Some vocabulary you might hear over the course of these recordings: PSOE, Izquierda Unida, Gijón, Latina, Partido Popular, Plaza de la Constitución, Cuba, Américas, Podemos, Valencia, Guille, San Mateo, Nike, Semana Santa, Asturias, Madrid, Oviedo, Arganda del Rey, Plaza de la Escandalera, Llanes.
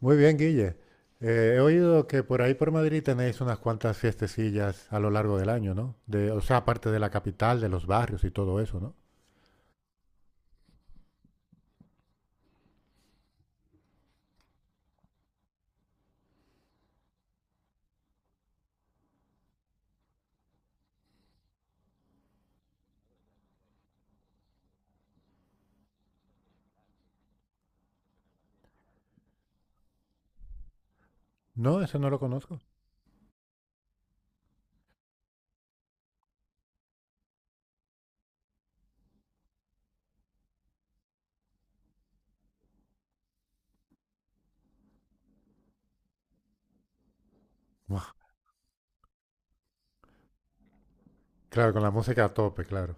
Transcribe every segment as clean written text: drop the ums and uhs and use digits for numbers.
Muy bien, Guille. He oído que por ahí por Madrid tenéis unas cuantas fiestecillas a lo largo del año, ¿no? De, o sea, aparte de la capital, de los barrios y todo eso, ¿no? No, eso no lo conozco. Buah. Claro, con la música a tope, claro.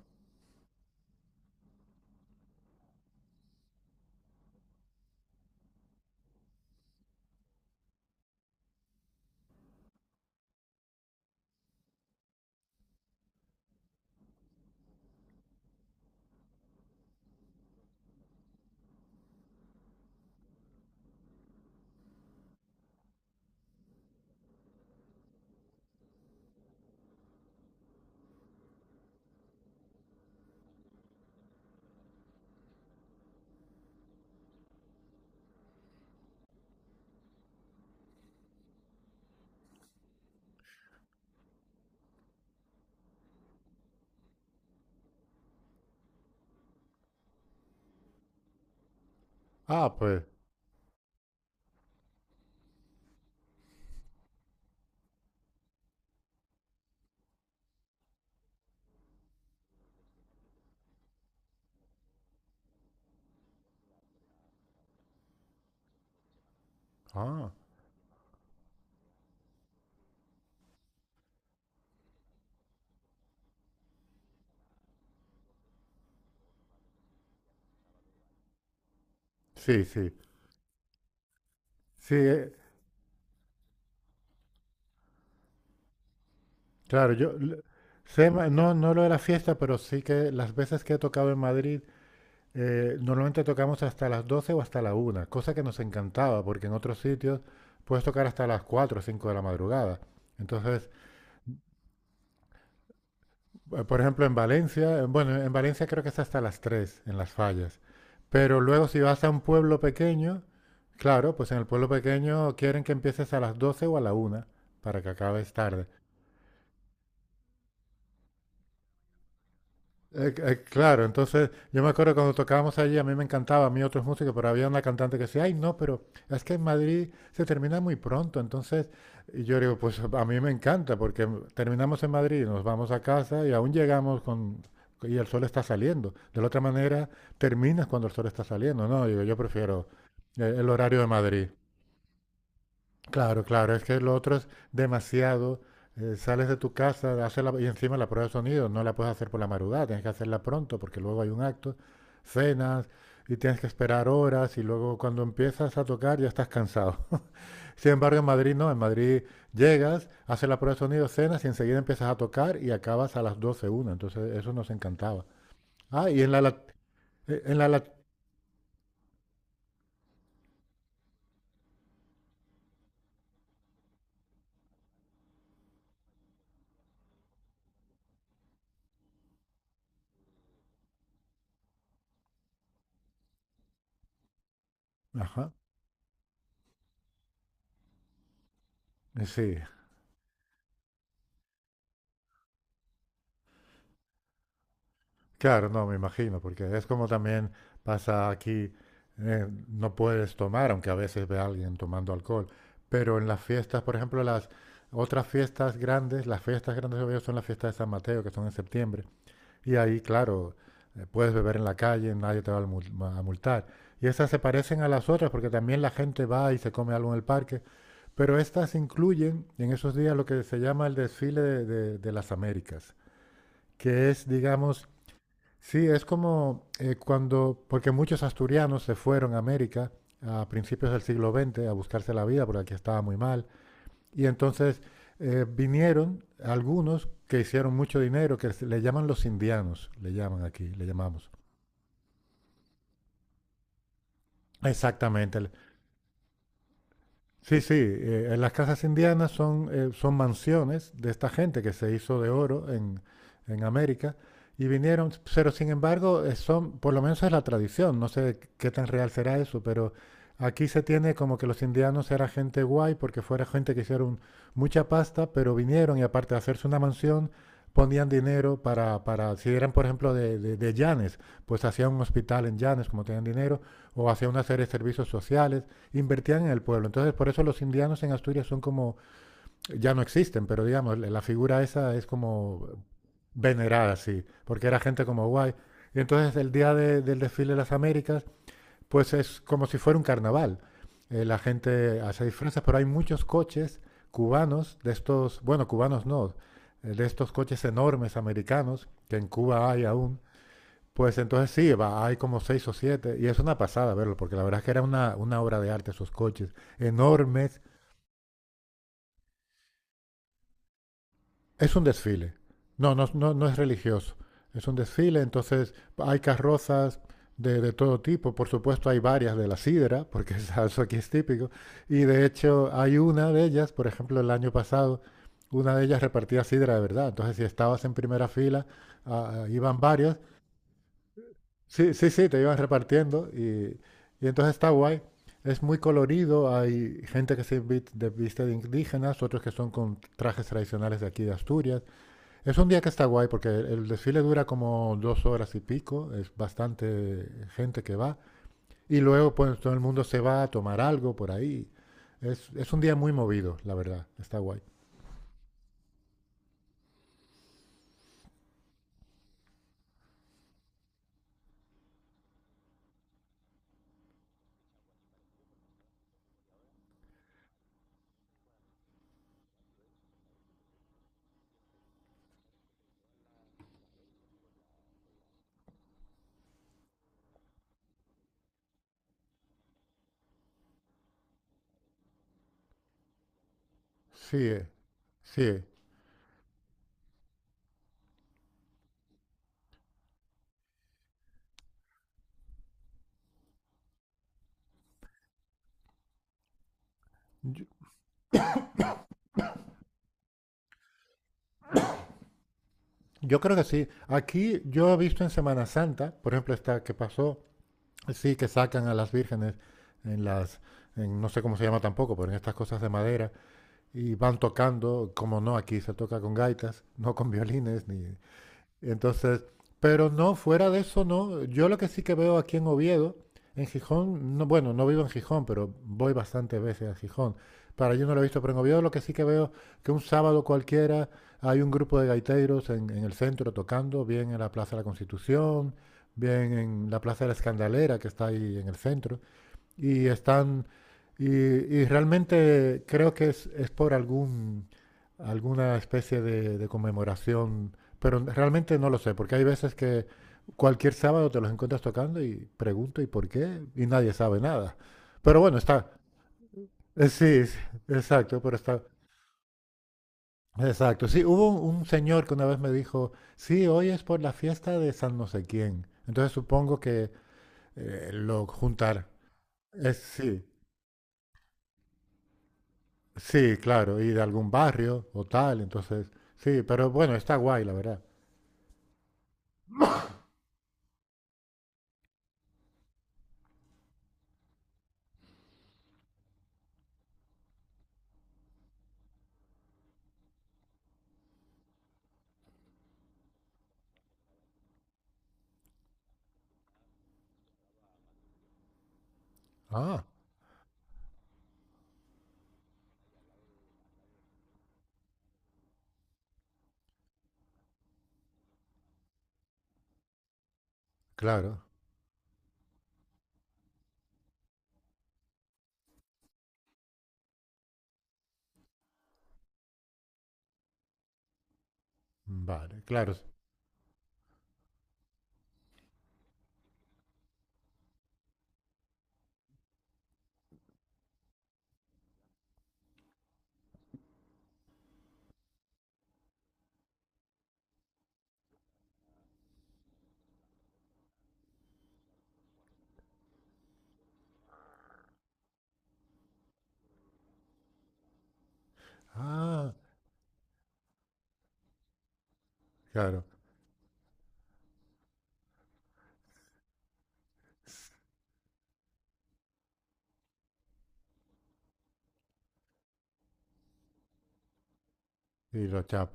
Ah, pues. Ah, sí, sí. Sí, claro, yo l- sé ma- no, no lo de la fiesta, pero sí que las veces que he tocado en Madrid, normalmente tocamos hasta las 12 o hasta la una, cosa que nos encantaba, porque en otros sitios puedes tocar hasta las 4 o 5 de la madrugada. Entonces, por ejemplo, en Valencia, bueno, en Valencia creo que es hasta las 3 en las fallas. Pero luego si vas a un pueblo pequeño, claro, pues en el pueblo pequeño quieren que empieces a las 12 o a la una para que acabes tarde. Claro, entonces yo me acuerdo cuando tocábamos allí, a mí me encantaba, a mí otros músicos, pero había una cantante que decía, ay, no, pero es que en Madrid se termina muy pronto, entonces, y yo digo, pues a mí me encanta, porque terminamos en Madrid, nos vamos a casa y aún llegamos y el sol está saliendo. De la otra manera, terminas cuando el sol está saliendo, no, digo, yo prefiero el horario de Madrid. Claro, claro, es que lo otro es demasiado. Sales de tu casa, y encima la prueba de sonido no la puedes hacer por la madrugada, tienes que hacerla pronto porque luego hay un acto, cenas y tienes que esperar horas y luego cuando empiezas a tocar ya estás cansado. Sin embargo, en Madrid no, en Madrid llegas, haces la prueba de sonido, cenas y enseguida empiezas a tocar y acabas a las 12 una. Entonces eso nos encantaba. Ah, y en la, lat- Ajá, sí. Claro, no, me imagino, porque es como también pasa aquí, no puedes tomar, aunque a veces ve a alguien tomando alcohol, pero en las fiestas, por ejemplo, las otras fiestas grandes, las fiestas grandes de Oviedo son las fiestas de San Mateo, que son en septiembre, y ahí, claro, puedes beber en la calle, nadie te va a multar. Y estas se parecen a las otras porque también la gente va y se come algo en el parque, pero estas incluyen en esos días lo que se llama el desfile de las Américas, que es, digamos, sí, es como porque muchos asturianos se fueron a América a principios del siglo XX a buscarse la vida, porque aquí estaba muy mal, y entonces vinieron algunos que hicieron mucho dinero, le llaman los indianos, le llaman aquí, le llamamos. Exactamente. Sí, sí, en las casas indianas son, son mansiones de esta gente que se hizo de oro en América y vinieron, pero sin embargo, son, por lo menos es la tradición, no sé qué tan real será eso, pero aquí se tiene como que los indianos era gente guay porque fuera gente que hicieron mucha pasta, pero vinieron y aparte de hacerse una mansión, ponían dinero para si eran por ejemplo de Llanes, pues hacían un hospital en Llanes como tenían dinero, o hacían una serie de servicios sociales, invertían en el pueblo. Entonces, por eso los indianos en Asturias son como, ya no existen, pero digamos, la figura esa es como venerada, sí, porque era gente como guay. Y entonces el día del desfile de las Américas, pues es como si fuera un carnaval. La gente hace disfraces, pero hay muchos coches cubanos, de estos, bueno, cubanos no, de estos coches enormes americanos, que en Cuba hay aún, pues entonces sí, hay como seis o siete, y es una pasada verlo, porque la verdad es que era una obra de arte esos coches, enormes. Es un desfile. No, no, no, no es religioso. Es un desfile, entonces hay carrozas de todo tipo. Por supuesto, hay varias de la sidra, porque eso aquí es típico. Y de hecho, hay una de ellas, por ejemplo, el año pasado, una de ellas repartía sidra de verdad. Entonces, si estabas en primera fila, ah, ah, iban varios, sí, sí, sí, te iban repartiendo y entonces está guay. Es muy colorido, hay gente que viste de indígenas, otros que son con trajes tradicionales de aquí de Asturias. Es un día que está guay porque el desfile dura como dos horas y pico, es bastante gente que va y luego pues todo el mundo se va a tomar algo por ahí. Es un día muy movido, la verdad, está guay. Sí, sí. Yo, yo creo que sí. Aquí yo he visto en Semana Santa, por ejemplo, esta que pasó, sí, que sacan a las vírgenes en las, en- no sé cómo se llama tampoco, pero en estas cosas de madera, y van tocando, como no, aquí se toca con gaitas, no con violines, ni, entonces, pero no, fuera de eso no. Yo lo que sí que veo aquí en Oviedo, en Gijón, no, bueno, no vivo en Gijón, pero voy bastantes veces a Gijón. Para allí no lo he visto, pero en Oviedo lo que sí que veo que un sábado cualquiera hay un grupo de gaiteros en el centro tocando, bien en la Plaza de la Constitución, bien en la Plaza de la Escandalera que está ahí en el centro. Y están, y realmente creo que es por alguna especie de conmemoración, pero realmente no lo sé, porque hay veces que cualquier sábado te los encuentras tocando y pregunto ¿y por qué? Y nadie sabe nada. Pero bueno, está, sí, sí, exacto, pero está, exacto. Sí, hubo un señor que una vez me dijo, sí, hoy es por la fiesta de San no sé quién. Entonces supongo que lo juntar. Es, sí, sí, claro, y de algún barrio o tal, entonces, sí, pero bueno, está guay, la verdad. Ah, claro, vale, claro. Sí. Ah, claro. Y los chap,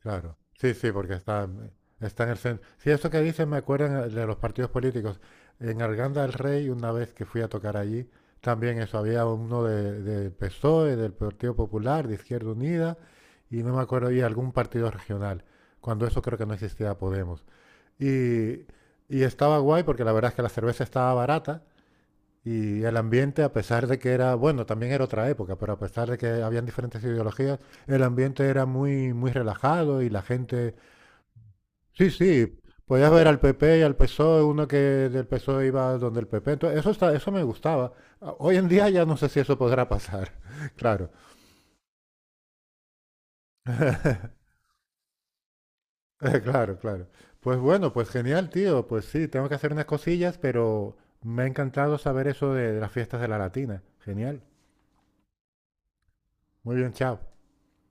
claro. Sí, sí, porque está, está en el centro. Sí, esto que dicen me acuerdan de los partidos políticos. En Arganda del Rey, una vez que fui a tocar allí, también eso, había uno del PSOE, del Partido Popular, de Izquierda Unida, y no me acuerdo, y algún partido regional, cuando eso creo que no existía Podemos. Y, y estaba guay porque la verdad es que la cerveza estaba barata y el ambiente, a pesar de que era, bueno, también era otra época, pero a pesar de que habían diferentes ideologías, el ambiente era muy, muy relajado y la gente, sí, sí, podías ver al PP y al PSOE, uno que del PSOE iba donde el PP, entonces eso está, eso me gustaba. A- Hoy en día ya no sé si eso podrá pasar, claro, claro, claro. Pues bueno, pues genial, tío. Pues sí, tengo que hacer unas cosillas, pero me ha encantado saber eso de las fiestas de la Latina. Genial. Muy bien, chao.